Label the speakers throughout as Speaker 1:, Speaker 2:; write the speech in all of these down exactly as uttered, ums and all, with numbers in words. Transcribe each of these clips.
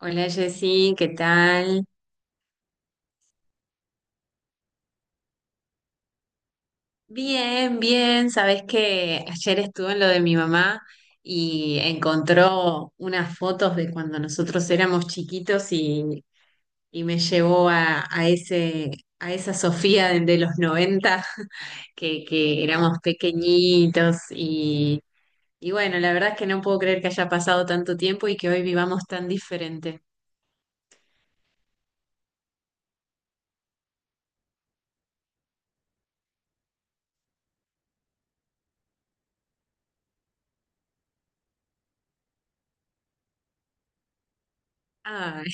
Speaker 1: Hola Jessy, ¿qué tal? Bien, bien. Sabes que ayer estuve en lo de mi mamá y encontró unas fotos de cuando nosotros éramos chiquitos y, y me llevó a, a ese, a esa Sofía de, de los noventa que, que éramos pequeñitos y, y bueno, la verdad es que no puedo creer que haya pasado tanto tiempo y que hoy vivamos tan diferente. Ay.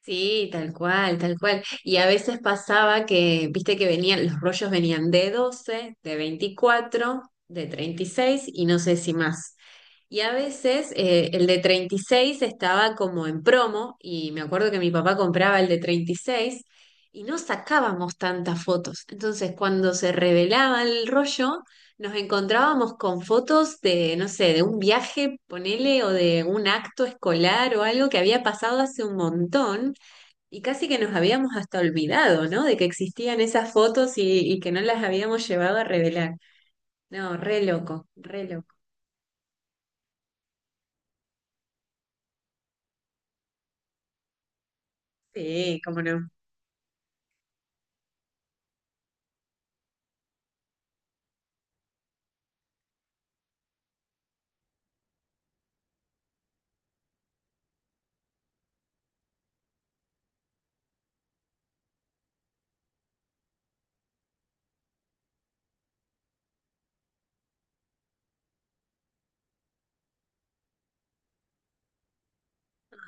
Speaker 1: Sí, tal cual, tal cual. Y a veces pasaba que, viste que venían, los rollos venían de doce, de veinticuatro, de treinta y seis y no sé si más. Y a veces eh, el de treinta y seis estaba como en promo y me acuerdo que mi papá compraba el de treinta y seis y no sacábamos tantas fotos. Entonces cuando se revelaba el rollo, nos encontrábamos con fotos de, no sé, de un viaje, ponele, o de un acto escolar o algo que había pasado hace un montón. Y casi que nos habíamos hasta olvidado, ¿no? De que existían esas fotos y, y que no las habíamos llevado a revelar. No, re loco, re loco. Sí, cómo no.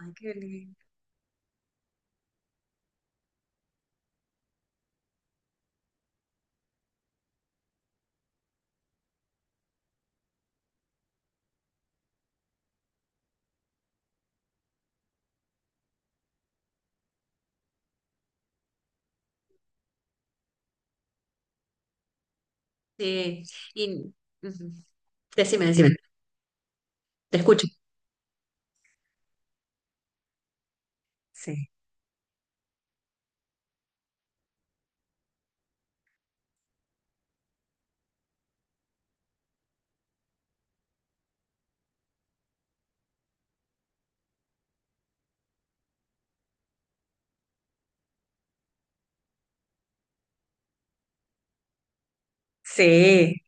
Speaker 1: Ay, qué lindo. Sí, y ujú. Decime, decime, te escucho. Sí, sí.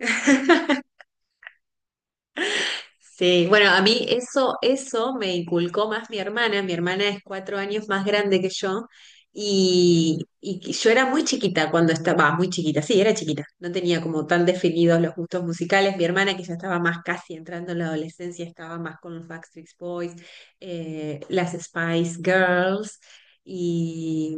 Speaker 1: Sí, bueno, a mí eso, eso me inculcó más mi hermana. Mi hermana es cuatro años más grande que yo y, y yo era muy chiquita cuando estaba, muy chiquita, sí, era chiquita. No tenía como tan definidos los gustos musicales. Mi hermana, que ya estaba más casi entrando en la adolescencia, estaba más con los Backstreet Boys, eh, las Spice Girls y,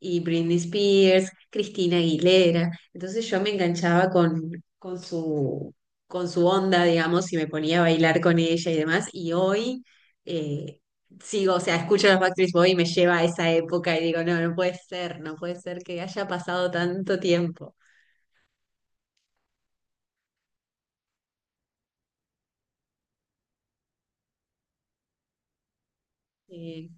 Speaker 1: y Britney Spears, Cristina Aguilera. Entonces yo me enganchaba con, con su con su onda, digamos, y me ponía a bailar con ella y demás. Y hoy eh, sigo, o sea, escucho a los Backstreet Boys y me lleva a esa época y digo, no, no puede ser, no puede ser que haya pasado tanto tiempo. Eh,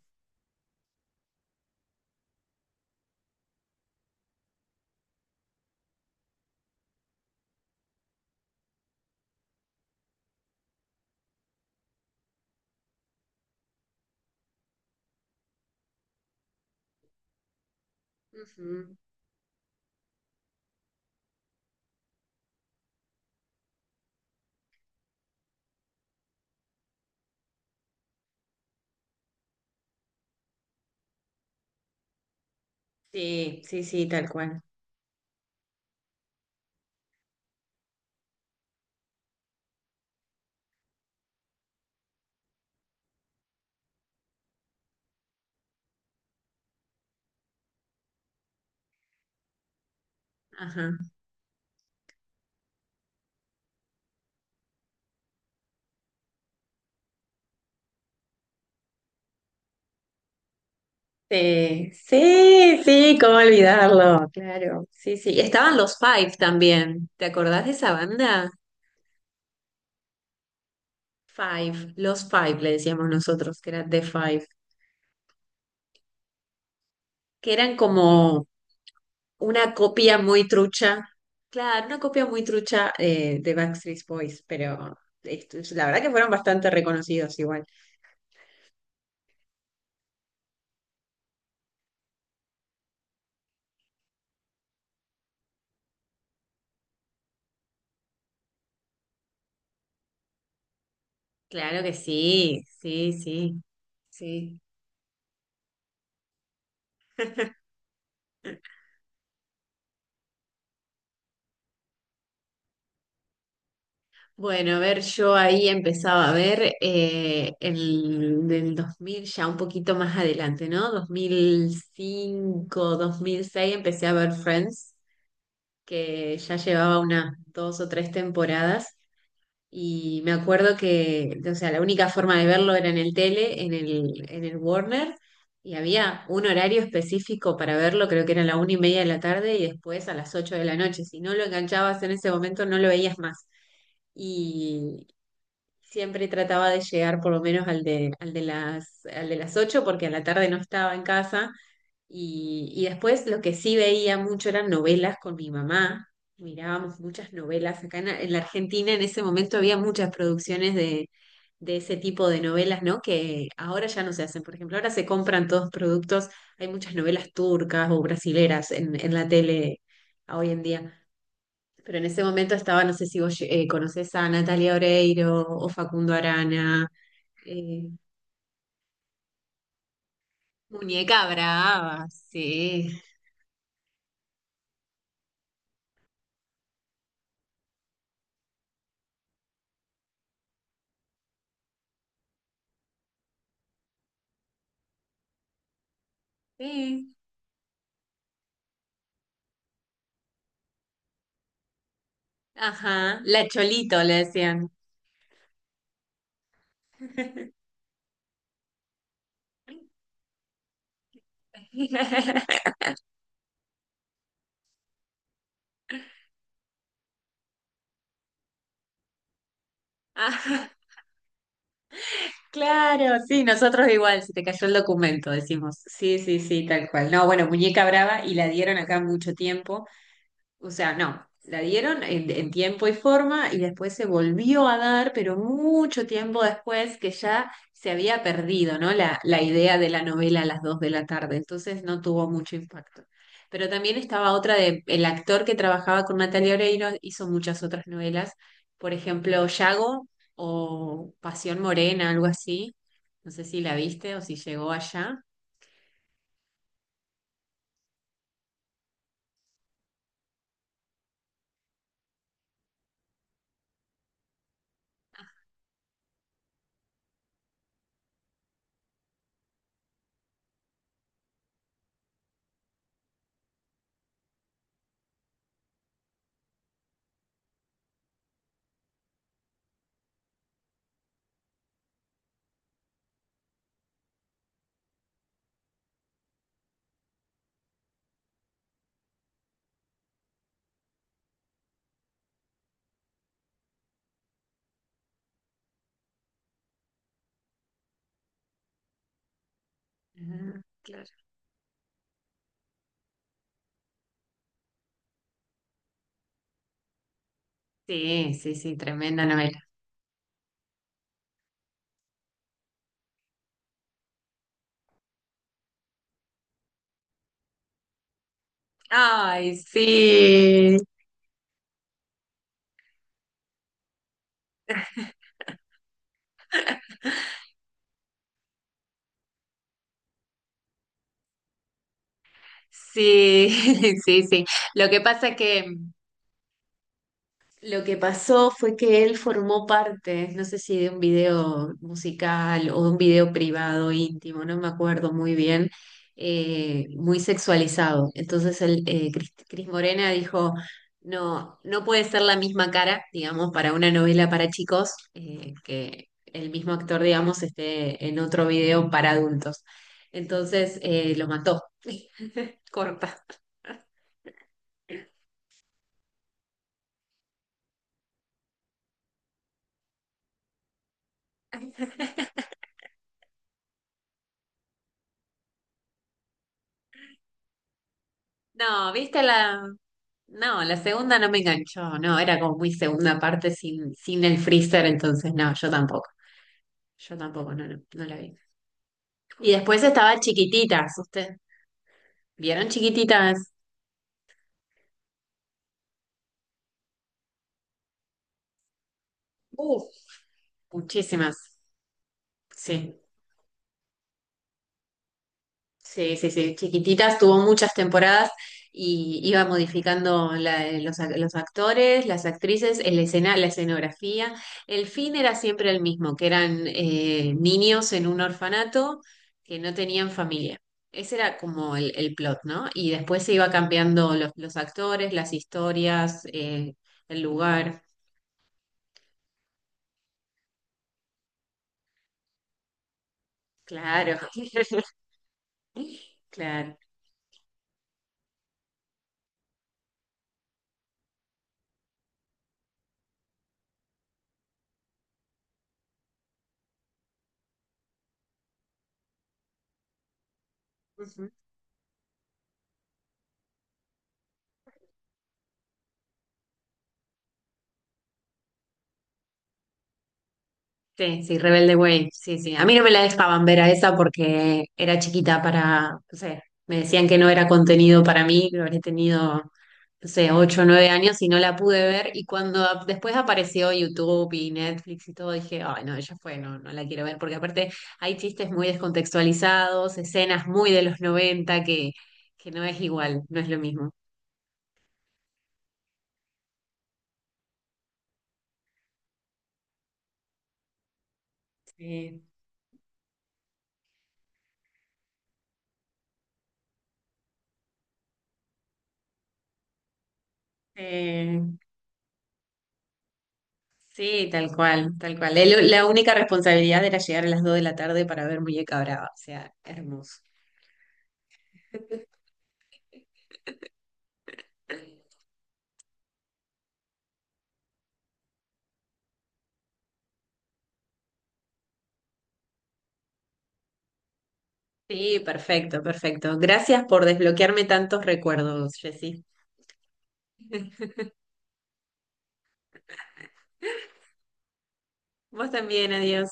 Speaker 1: ujú. Sí, sí, sí, tal cual. Ajá. Sí, sí, sí, cómo olvidarlo, claro. Sí, sí. Estaban los Five también. ¿Te acordás de esa banda? Five, los Five le decíamos nosotros, que era The Five, que eran como una copia muy trucha, claro, una copia muy trucha eh, de Backstreet Boys, pero esto es- la verdad que fueron bastante reconocidos igual. Claro que sí, sí, sí, sí. Bueno, a ver, yo ahí empezaba a ver eh, el del dos mil ya un poquito más adelante, ¿no? Dos dos mil cinco, dos mil seis, empecé a ver Friends, que ya llevaba unas dos o tres temporadas. Y me acuerdo que, o sea, la única forma de verlo era en el tele, en el, en el Warner, y había un horario específico para verlo, creo que era la una y media de la tarde y después a las ocho de la noche. Si no lo enganchabas en ese momento, no lo veías más. Y siempre trataba de llegar por lo menos al de, al de las, al de las ocho, porque a la tarde no estaba en casa y, y después lo que sí veía mucho eran novelas con mi mamá. Mirábamos muchas novelas. Acá en, en la Argentina en ese momento había muchas producciones de, de ese tipo de novelas, ¿no? Que ahora ya no se hacen. Por ejemplo, ahora se compran todos productos. Hay muchas novelas turcas o brasileras en, en la tele hoy en día. Pero en ese momento estaba, no sé si vos eh, conocés a Natalia Oreiro o Facundo Arana, eh, Muñeca Brava, sí. Sí, Ajá, la Cholito le decían. Ajá, claro, sí, nosotros igual, se te cayó el documento, decimos. Sí, sí, sí, tal cual. No, bueno, Muñeca Brava y la dieron acá mucho tiempo. O sea, no, la dieron en, en tiempo y forma y después se volvió a dar, pero mucho tiempo después que ya se había perdido, ¿no? La, la idea de la novela a las dos de la tarde, entonces no tuvo mucho impacto. Pero también estaba otra de, el actor que trabajaba con Natalia Oreiro hizo muchas otras novelas, por ejemplo, Yago o Pasión Morena, algo así. No sé si la viste o si llegó allá. Ah, claro. Sí, sí, sí, tremenda novela. Ay, sí. Sí, sí, sí. Lo que pasa es que mm, lo que pasó fue que él formó parte, no sé si de un video musical o de un video privado íntimo, no me acuerdo muy bien, eh, muy sexualizado. Entonces el, eh, Cris, Cris Morena dijo, no, no puede ser la misma cara, digamos, para una novela para chicos, eh, que el mismo actor, digamos, esté en otro video para adultos. Entonces eh, lo mató, corta. No, viste la. No, la segunda no me enganchó. No, era como muy segunda parte sin, sin el freezer, entonces no, yo tampoco. Yo tampoco, no, no, no la vi. Y después estaba Chiquititas, ¿usted? ¿Vieron Chiquititas? Uf, muchísimas. Sí. Sí, sí, sí, chiquititas, tuvo muchas temporadas y iba modificando la- eh, los, ac- los actores, las actrices, el escena, la escenografía. El fin era siempre el mismo, que eran eh, niños en un orfanato que no tenían familia. Ese era como el, el plot, ¿no? Y después se iba cambiando los, los actores, las historias, eh, el lugar. Claro, claro. Sí, sí, Rebelde Way, sí, sí. A mí no me la dejaban ver a esa porque era chiquita para, no sé, me decían que no era contenido para mí, lo habré tenido, no sé, ocho o nueve años y no la pude ver. Y cuando ap- después apareció YouTube y Netflix y todo, dije, ay, no, ya fue, no, no la quiero ver, porque aparte hay chistes muy descontextualizados, escenas muy de los noventa que, que no es igual, no es lo mismo. Sí. Sí, tal cual, tal cual. El- la única responsabilidad era llegar a las dos de la tarde para ver Muñeca Brava, o sea, hermoso. Sí, perfecto, perfecto. Gracias por desbloquearme tantos recuerdos, Jessy. Vos también, adiós.